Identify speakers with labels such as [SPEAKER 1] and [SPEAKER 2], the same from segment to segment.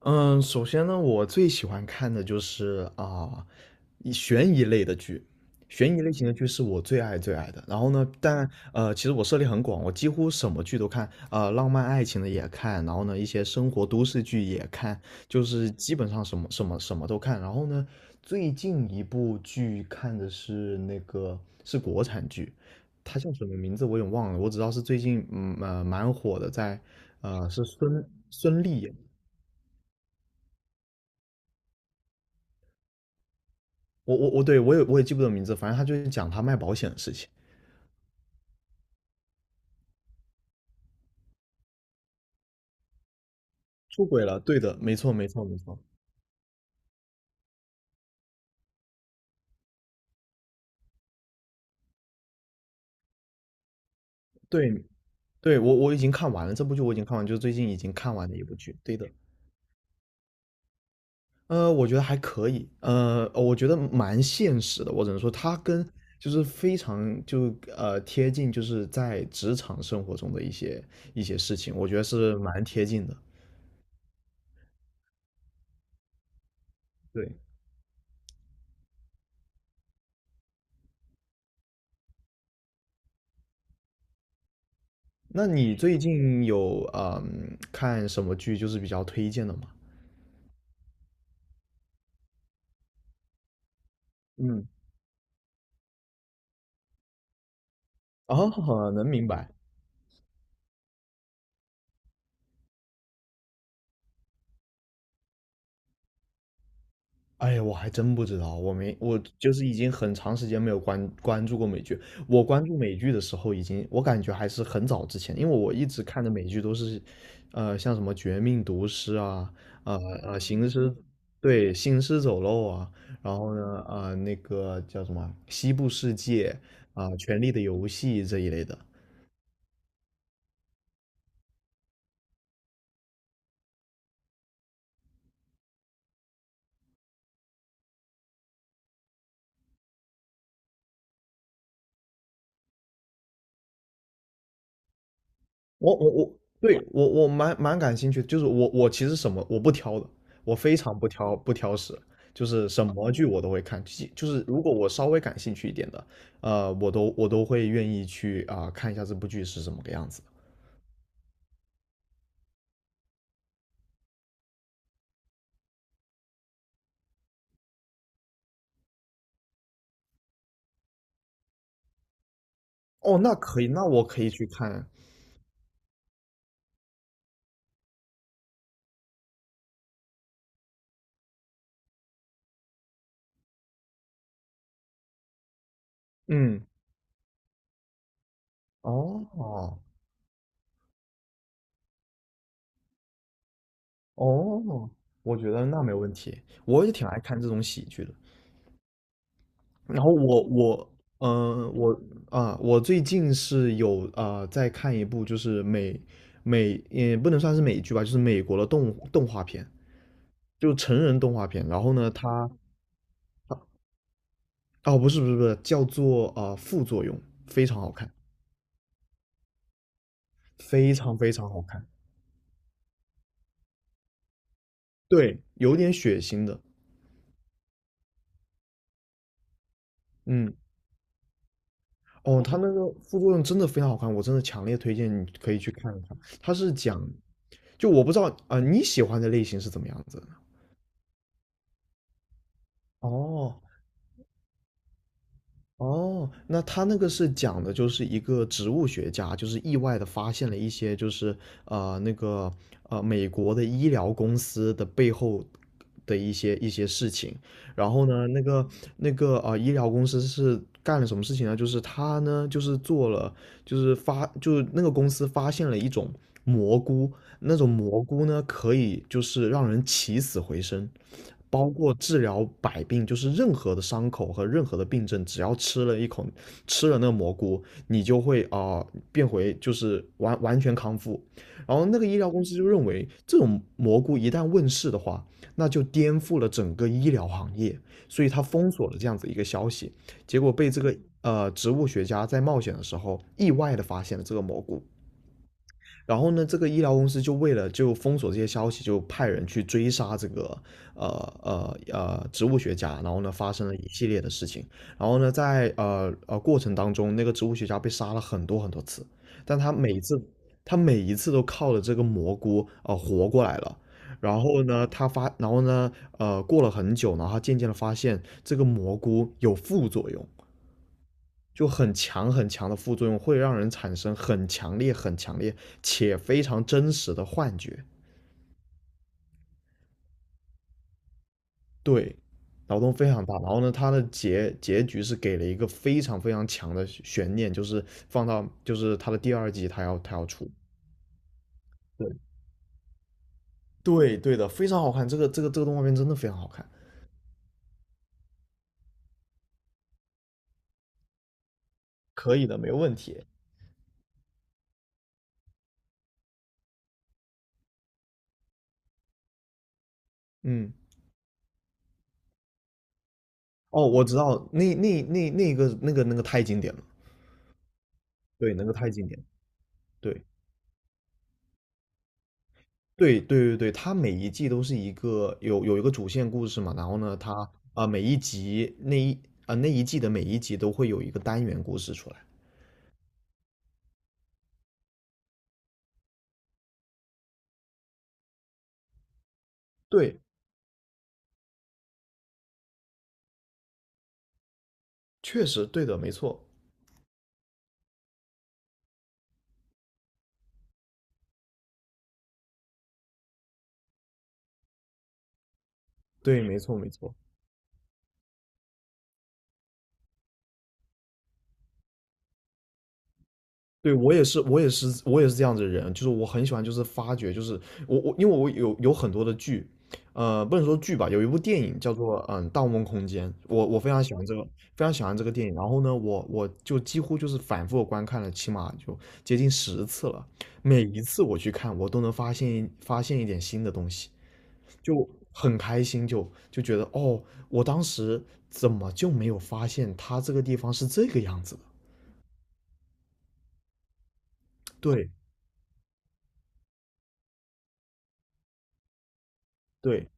[SPEAKER 1] 嗯，首先呢，我最喜欢看的就是啊，悬疑类的剧，悬疑类型的剧是我最爱最爱的。然后呢，但其实我涉猎很广，我几乎什么剧都看，浪漫爱情的也看，然后呢，一些生活都市剧也看，就是基本上什么都看。然后呢，最近一部剧看的是国产剧，它叫什么名字我有点忘了，我只知道是最近蛮火的，是孙俪演。我，对，我也记不得名字，反正他就是讲他卖保险的事情。出轨了，对的，没错，没错，没错，对，对，我已经看完了这部剧，我已经看完，就是最近已经看完的一部剧，对的。我觉得还可以，我觉得蛮现实的，我只能说它跟就是非常贴近，就是在职场生活中的一些事情，我觉得是蛮贴近的，对。那你最近有看什么剧就是比较推荐的吗？嗯，哦，能明白。哎呀，我还真不知道，我没，我就是已经很长时间没有关注过美剧。我关注美剧的时候，已经我感觉还是很早之前，因为我一直看的美剧都是，像什么《绝命毒师》啊，呃呃，行尸，对，行尸走肉啊，然后呢，那个叫什么《西部世界》啊，《权力的游戏》这一类的。我，对，我蛮感兴趣的，就是我其实什么我不挑的，我非常不挑食，就是什么剧我都会看，就是如果我稍微感兴趣一点的，我都会愿意去看一下这部剧是什么个样子。哦，那可以，那我可以去看。嗯，哦哦，我觉得那没问题，我也挺爱看这种喜剧的。然后嗯、呃我我最近是有在看一部就是美也不能算是美剧吧，就是美国的动画片，就成人动画片。然后呢，哦，不是，不是，不是，叫做呃副作用，非常好看，非常非常好看。对，有点血腥的，嗯。哦，它那个副作用真的非常好看，我真的强烈推荐你可以去看一看。它是讲，就我不知道你喜欢的类型是怎么样子的呢。哦，哦，那他那个是讲的就是一个植物学家，就是意外的发现了一些就是呃那个美国的医疗公司的背后的一些事情。然后呢，那个医疗公司是干了什么事情呢？就是他呢就是做了就是发就是那个公司发现了一种蘑菇，那种蘑菇呢，可以就是让人起死回生，包括治疗百病，就是任何的伤口和任何的病症，只要吃了一口，吃了那个蘑菇，你就会变回就是完全康复。然后那个医疗公司就认为，这种蘑菇一旦问世的话，那就颠覆了整个医疗行业，所以他封锁了这样子一个消息，结果被这个植物学家在冒险的时候意外的发现了这个蘑菇，然后呢，这个医疗公司就为了就封锁这些消息，就派人去追杀这个呃植物学家，然后呢发生了一系列的事情，然后呢在过程当中，那个植物学家被杀了很多很多次，但他每一次都靠着这个蘑菇活过来了。然后呢，然后呢，过了很久，然后他渐渐的发现这个蘑菇有副作用，就很强很强的副作用，会让人产生很强烈、很强烈且非常真实的幻觉，对，脑洞非常大。然后呢，它的结局是给了一个非常非常强的悬念，就是放到就是它的第二季，它要出。对，对，对的，非常好看，这个动画片真的非常好看。可以的，没问题。嗯，哦，我知道，那个太经典了，对，那个太经典了。对，对，对，对，对，它每一季都是一个有一个主线故事嘛，然后呢，它每一集那一啊、那一季的每一集都会有一个单元故事出来。对，确实对的，没错，对，没错，没错。对，我也是，我也是，我也是这样子的人，就是我很喜欢，就是发掘，就是因为我有很多的剧，不能说剧吧，有一部电影叫做《盗梦空间》，我非常喜欢这个，非常喜欢这个电影。然后呢，我就几乎就是反复地观看了，起码就接近10次了。每一次我去看，我都能发现一点新的东西，就很开心，就觉得哦，我当时怎么就没有发现它这个地方是这个样子的？对，对。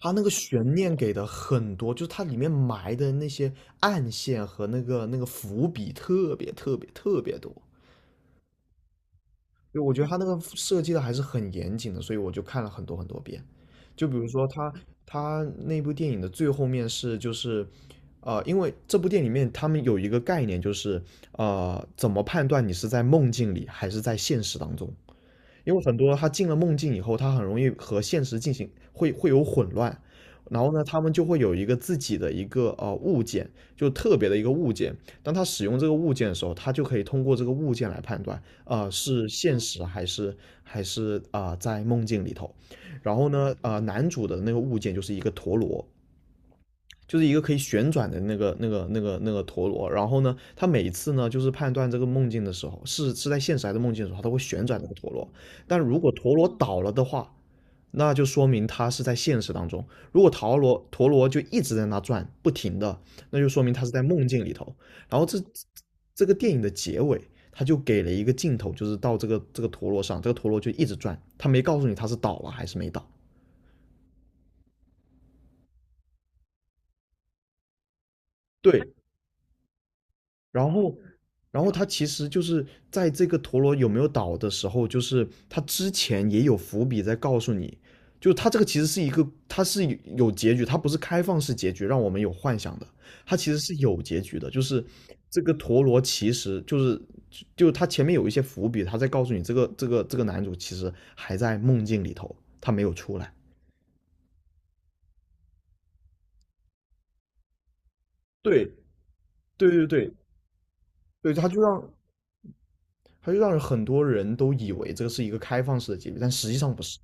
[SPEAKER 1] 它那个悬念给的很多，就是它里面埋的那些暗线和那个伏笔特别特别特别多。就我觉得他那个设计的还是很严谨的，所以我就看了很多很多遍。就比如说他那部电影的最后面是就是，因为这部电影里面他们有一个概念，就是怎么判断你是在梦境里还是在现实当中？因为很多他进了梦境以后，他很容易和现实进行会会有混乱，然后呢，他们就会有一个自己的一个物件，就特别的一个物件。当他使用这个物件的时候，他就可以通过这个物件来判断，是现实还是在梦境里头。然后呢，男主的那个物件就是一个陀螺，就是一个可以旋转的那个陀螺。然后呢，他每次呢就是判断这个梦境的时候，是在现实还是梦境的时候，他会旋转那个陀螺。但如果陀螺倒了的话，那就说明他是在现实当中。如果陀螺就一直在那转，不停的，那就说明他是在梦境里头。然后这个电影的结尾，他就给了一个镜头，就是到这个陀螺上，这个陀螺就一直转，他没告诉你他是倒了还是没倒。对，然后，然后，他其实就是在这个陀螺有没有倒的时候，就是他之前也有伏笔在告诉你，就他这个其实是一个，它是有结局，它不是开放式结局，让我们有幻想的，它其实是有结局的，就是这个陀螺其实就是就他前面有一些伏笔，他在告诉你这个男主其实还在梦境里头，他没有出来。对，对，对，对，对，他就让很多人都以为这个是一个开放式的结局，但实际上不是。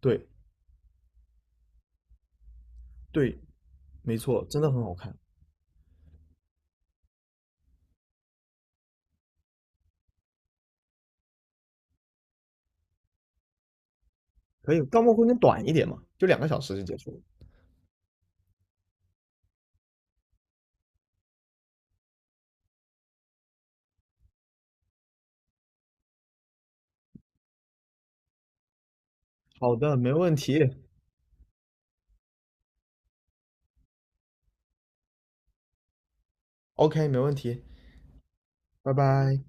[SPEAKER 1] 对，对，没错，真的很好看。可以，《盗梦空间》短一点嘛，就2个小时就结束了。好的，没问题。OK，没问题。拜拜。